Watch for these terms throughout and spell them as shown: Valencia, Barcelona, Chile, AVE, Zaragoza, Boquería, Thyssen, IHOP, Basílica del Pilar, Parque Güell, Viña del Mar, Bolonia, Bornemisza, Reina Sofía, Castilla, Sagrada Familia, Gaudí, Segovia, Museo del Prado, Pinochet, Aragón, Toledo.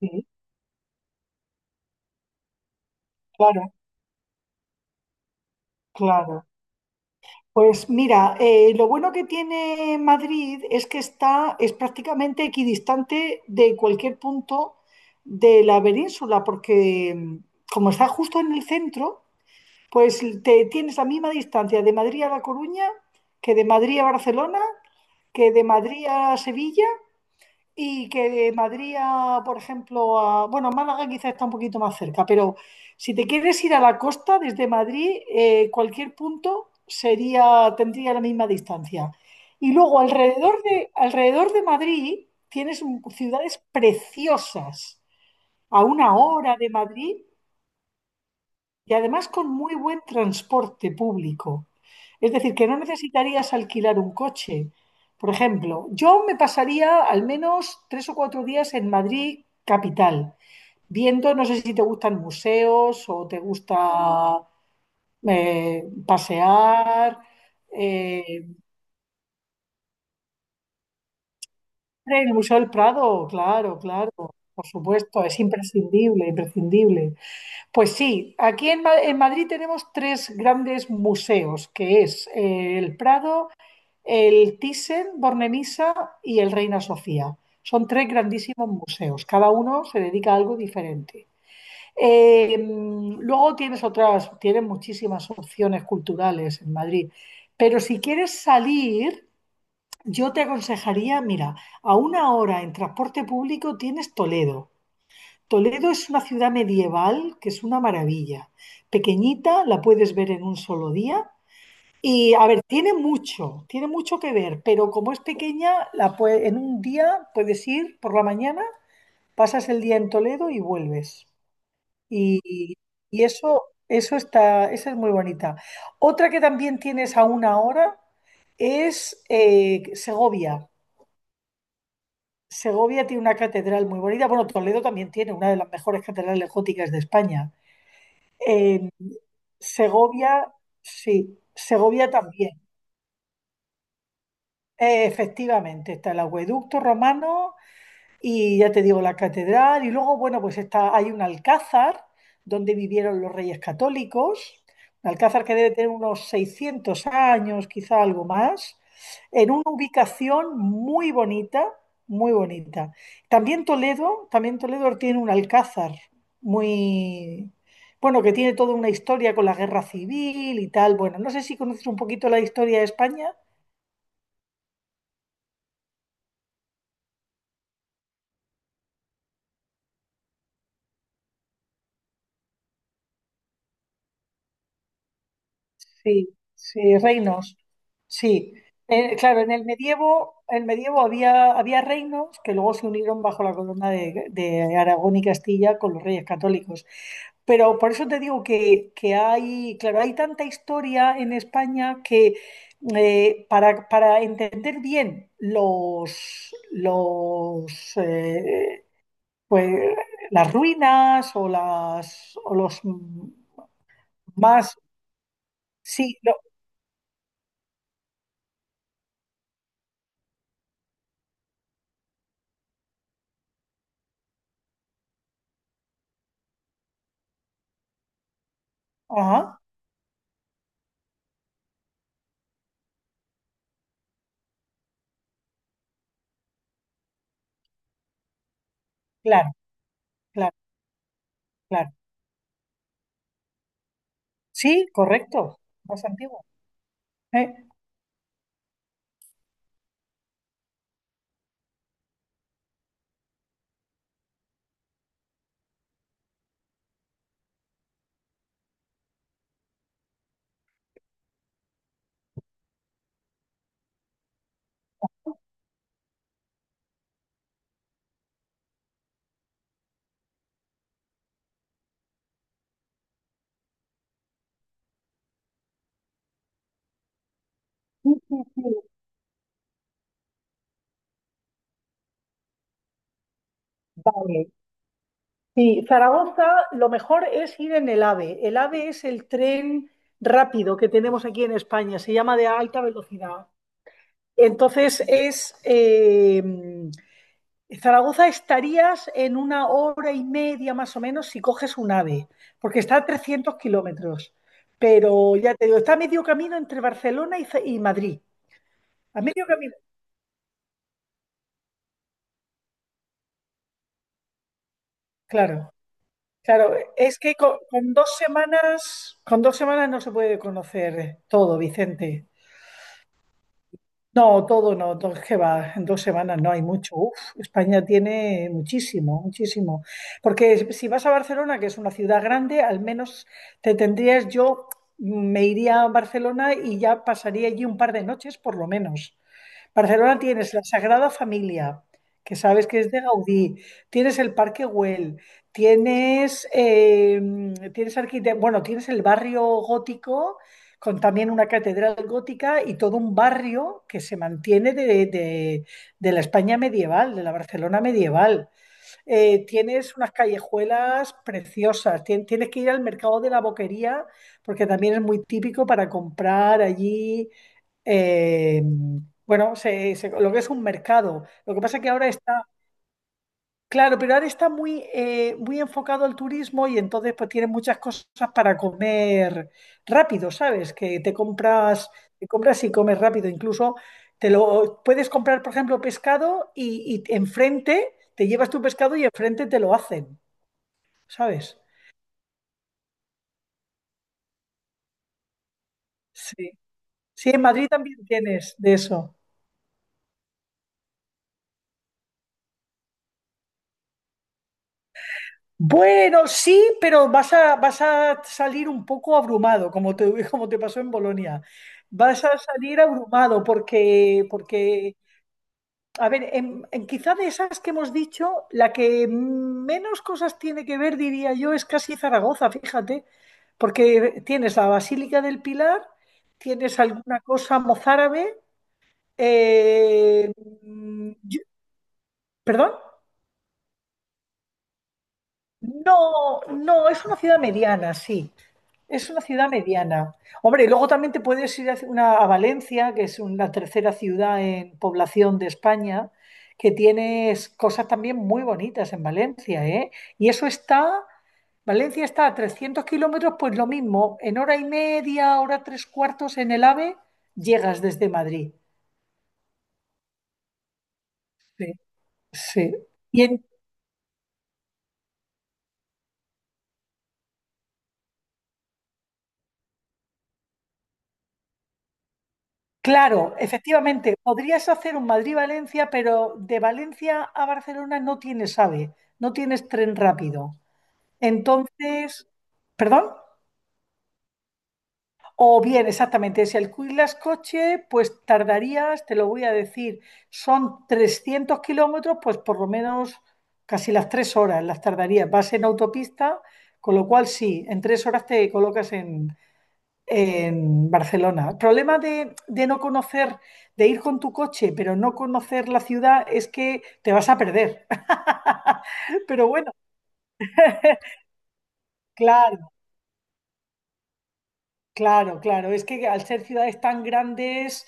Sí, claro, claro. Pues mira, lo bueno que tiene Madrid es es prácticamente equidistante de cualquier punto de la península, porque como está justo en el centro, pues te tienes la misma distancia de Madrid a La Coruña, que de Madrid a Barcelona, que de Madrid a Sevilla y que de Madrid a, por ejemplo, a... Bueno, Málaga quizás está un poquito más cerca, pero si te quieres ir a la costa desde Madrid, cualquier tendría la misma distancia. Y luego alrededor de Madrid tienes ciudades preciosas. A una hora de Madrid y además con muy buen transporte público. Es decir, que no necesitarías alquilar un coche. Por ejemplo, yo me pasaría al menos tres o cuatro días en Madrid capital, viendo, no sé si te gustan museos o te gusta pasear. eh, el Museo del Prado, claro, claro, por supuesto, es imprescindible, imprescindible. Pues sí, en Madrid tenemos tres grandes museos, que es el Prado, el Thyssen, Bornemisza y el Reina Sofía. Son tres grandísimos museos, cada uno se dedica a algo diferente. Luego tienes muchísimas opciones culturales en Madrid, pero si quieres salir, yo te aconsejaría, mira, a una hora en transporte público tienes Toledo. Toledo es una ciudad medieval que es una maravilla. Pequeñita, la puedes ver en un solo día. Y a ver, tiene mucho que ver, pero como es pequeña, en un día puedes ir por la mañana, pasas el día en Toledo y vuelves. Y, y eso, eso está, esa es muy bonita. Otra que también tienes a una hora es Segovia. Segovia tiene una catedral muy bonita. Bueno, Toledo también tiene una de las mejores catedrales góticas de España. Eh, Segovia, sí, Segovia también. Efectivamente, está el acueducto romano y ya te digo, la catedral. Y luego, bueno, pues está, hay un alcázar donde vivieron los reyes católicos. Un alcázar que debe tener unos 600 años, quizá algo más. En una ubicación muy bonita, muy bonita. También Toledo tiene un alcázar muy. Bueno, que tiene toda una historia con la guerra civil y tal. Bueno, no sé si conoces un poquito la historia de España. Sí, sí, reinos. Sí. Claro, en el medievo había reinos que luego se unieron bajo la corona de Aragón y Castilla con los reyes católicos. Pero por eso te digo que hay, claro, hay tanta historia en España que para entender bien los pues, las ruinas o las o los más sí, lo- ajá, claro. Claro, claro. Sí, correcto. Más antiguo. Eh, Sí, sí, sí, vale. Sí, Zaragoza, lo mejor es ir en el AVE. El AVE es el tren rápido que tenemos aquí en España, se llama de alta velocidad. Entonces es Zaragoza estarías en una hora y media más o menos si coges un AVE, porque está a 300 kilómetros. Pero ya te digo, está a medio camino entre Barcelona y Madrid. A medio camino, claro. Claro, es que dos semanas, con dos semanas no se puede conocer todo, Vicente. No, todo no, todo es que va, en dos semanas no hay mucho. Uf, España tiene muchísimo, muchísimo. Porque si vas a Barcelona, que es una ciudad grande, al menos te tendrías, yo me iría a Barcelona y ya pasaría allí un par de noches por lo menos. Barcelona tienes la Sagrada Familia, que sabes que es de Gaudí, tienes el Parque Güell, tienes, eh, tienes bueno, tienes el barrio gótico con también una catedral gótica y todo un barrio que se mantiene de la España medieval, de la Barcelona medieval, tienes unas callejuelas preciosas, tienes que ir al mercado de la Boquería porque también es muy típico para comprar allí, eh, lo que es un mercado. Lo que pasa es que ahora está. Claro, pero ahora está muy, muy enfocado al turismo y entonces pues tiene muchas cosas para comer rápido, ¿sabes? Que te compras y comes rápido. Incluso te lo puedes comprar, por ejemplo, pescado y enfrente te llevas tu pescado y enfrente te lo hacen, ¿sabes? Sí. Sí, en Madrid también tienes de eso. Bueno, sí, pero vas a salir un poco abrumado, como te, como te pasó en Bolonia. Vas a salir abrumado porque a ver, en quizá de esas que hemos dicho, la que menos cosas tiene que ver, diría yo, es casi Zaragoza, fíjate, porque tienes la Basílica del Pilar, tienes alguna cosa mozárabe, eh, yo- ¿perdón? No, no, es una ciudad mediana, sí. Es una ciudad mediana. Hombre, y luego también te puedes ir a Valencia, que es la tercera ciudad en población de España, que tienes cosas también muy bonitas en Valencia, ¿eh? Y eso está, Valencia está a 300 kilómetros, pues lo mismo, en hora y media, hora tres cuartos en el AVE, llegas desde Madrid. Sí, sí. Y en, claro, efectivamente, podrías hacer un Madrid-Valencia, pero de Valencia a Barcelona no tienes AVE, no tienes tren rápido. Entonces, ¿perdón? O bien, exactamente, si alquilas coche, pues tardarías, te lo voy a decir, son 300 kilómetros, pues por lo menos casi las tres horas las tardarías. Vas en autopista, con lo cual sí, en tres horas te colocas en Barcelona. El problema de no conocer, de ir con tu coche, pero no conocer la ciudad, es que te vas a perder. Pero bueno, claro. Claro, claro, es que al ser ciudades tan grandes,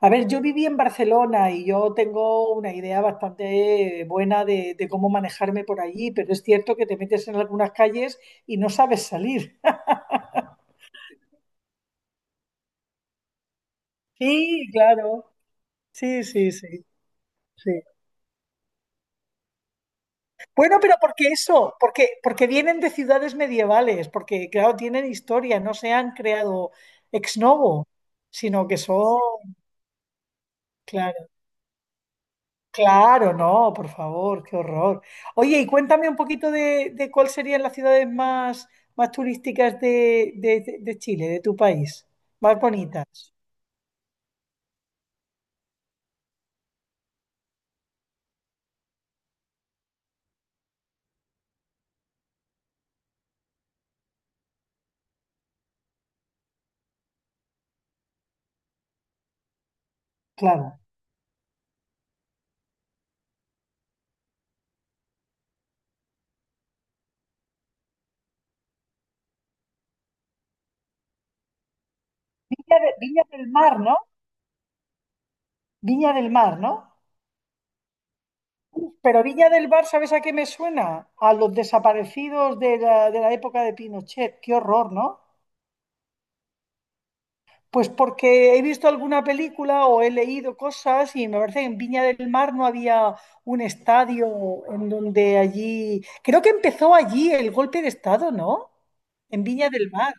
a ver, yo viví en Barcelona y yo tengo una idea bastante buena de cómo manejarme por allí, pero es cierto que te metes en algunas calles y no sabes salir. Sí, claro, sí, sí, sí, sí. Bueno, pero porque eso, porque vienen de ciudades medievales, porque claro, tienen historia, no se han creado ex novo, sino que son, claro. Claro, no, por favor, qué horror. Oye, y cuéntame un poquito de cuáles serían las ciudades más, más turísticas de Chile, de tu país, más bonitas. Claro. Viña del Mar, ¿no? Viña del Mar, ¿no? Pero Viña del Mar, ¿sabes a qué me suena? A los desaparecidos de la época de Pinochet. Qué horror, ¿no? Pues porque he visto alguna película o he leído cosas y me parece que en Viña del Mar no había un estadio en donde allí... Creo que empezó allí el golpe de estado, ¿no? En Viña del Mar.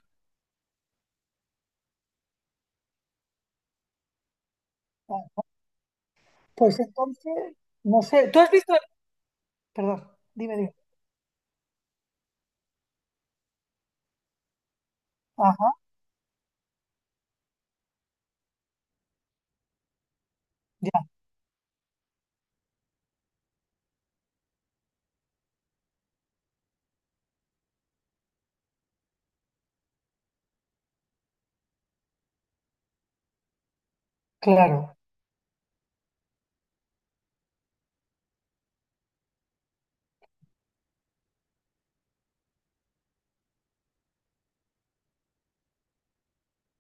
Ah, pues entonces, no sé, ¿tú has visto? Perdón, dime, dime. Ajá, ya, claro.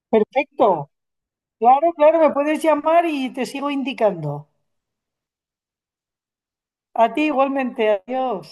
Perfecto. Claro, claro, me puedes llamar y te sigo indicando. A ti igualmente, adiós.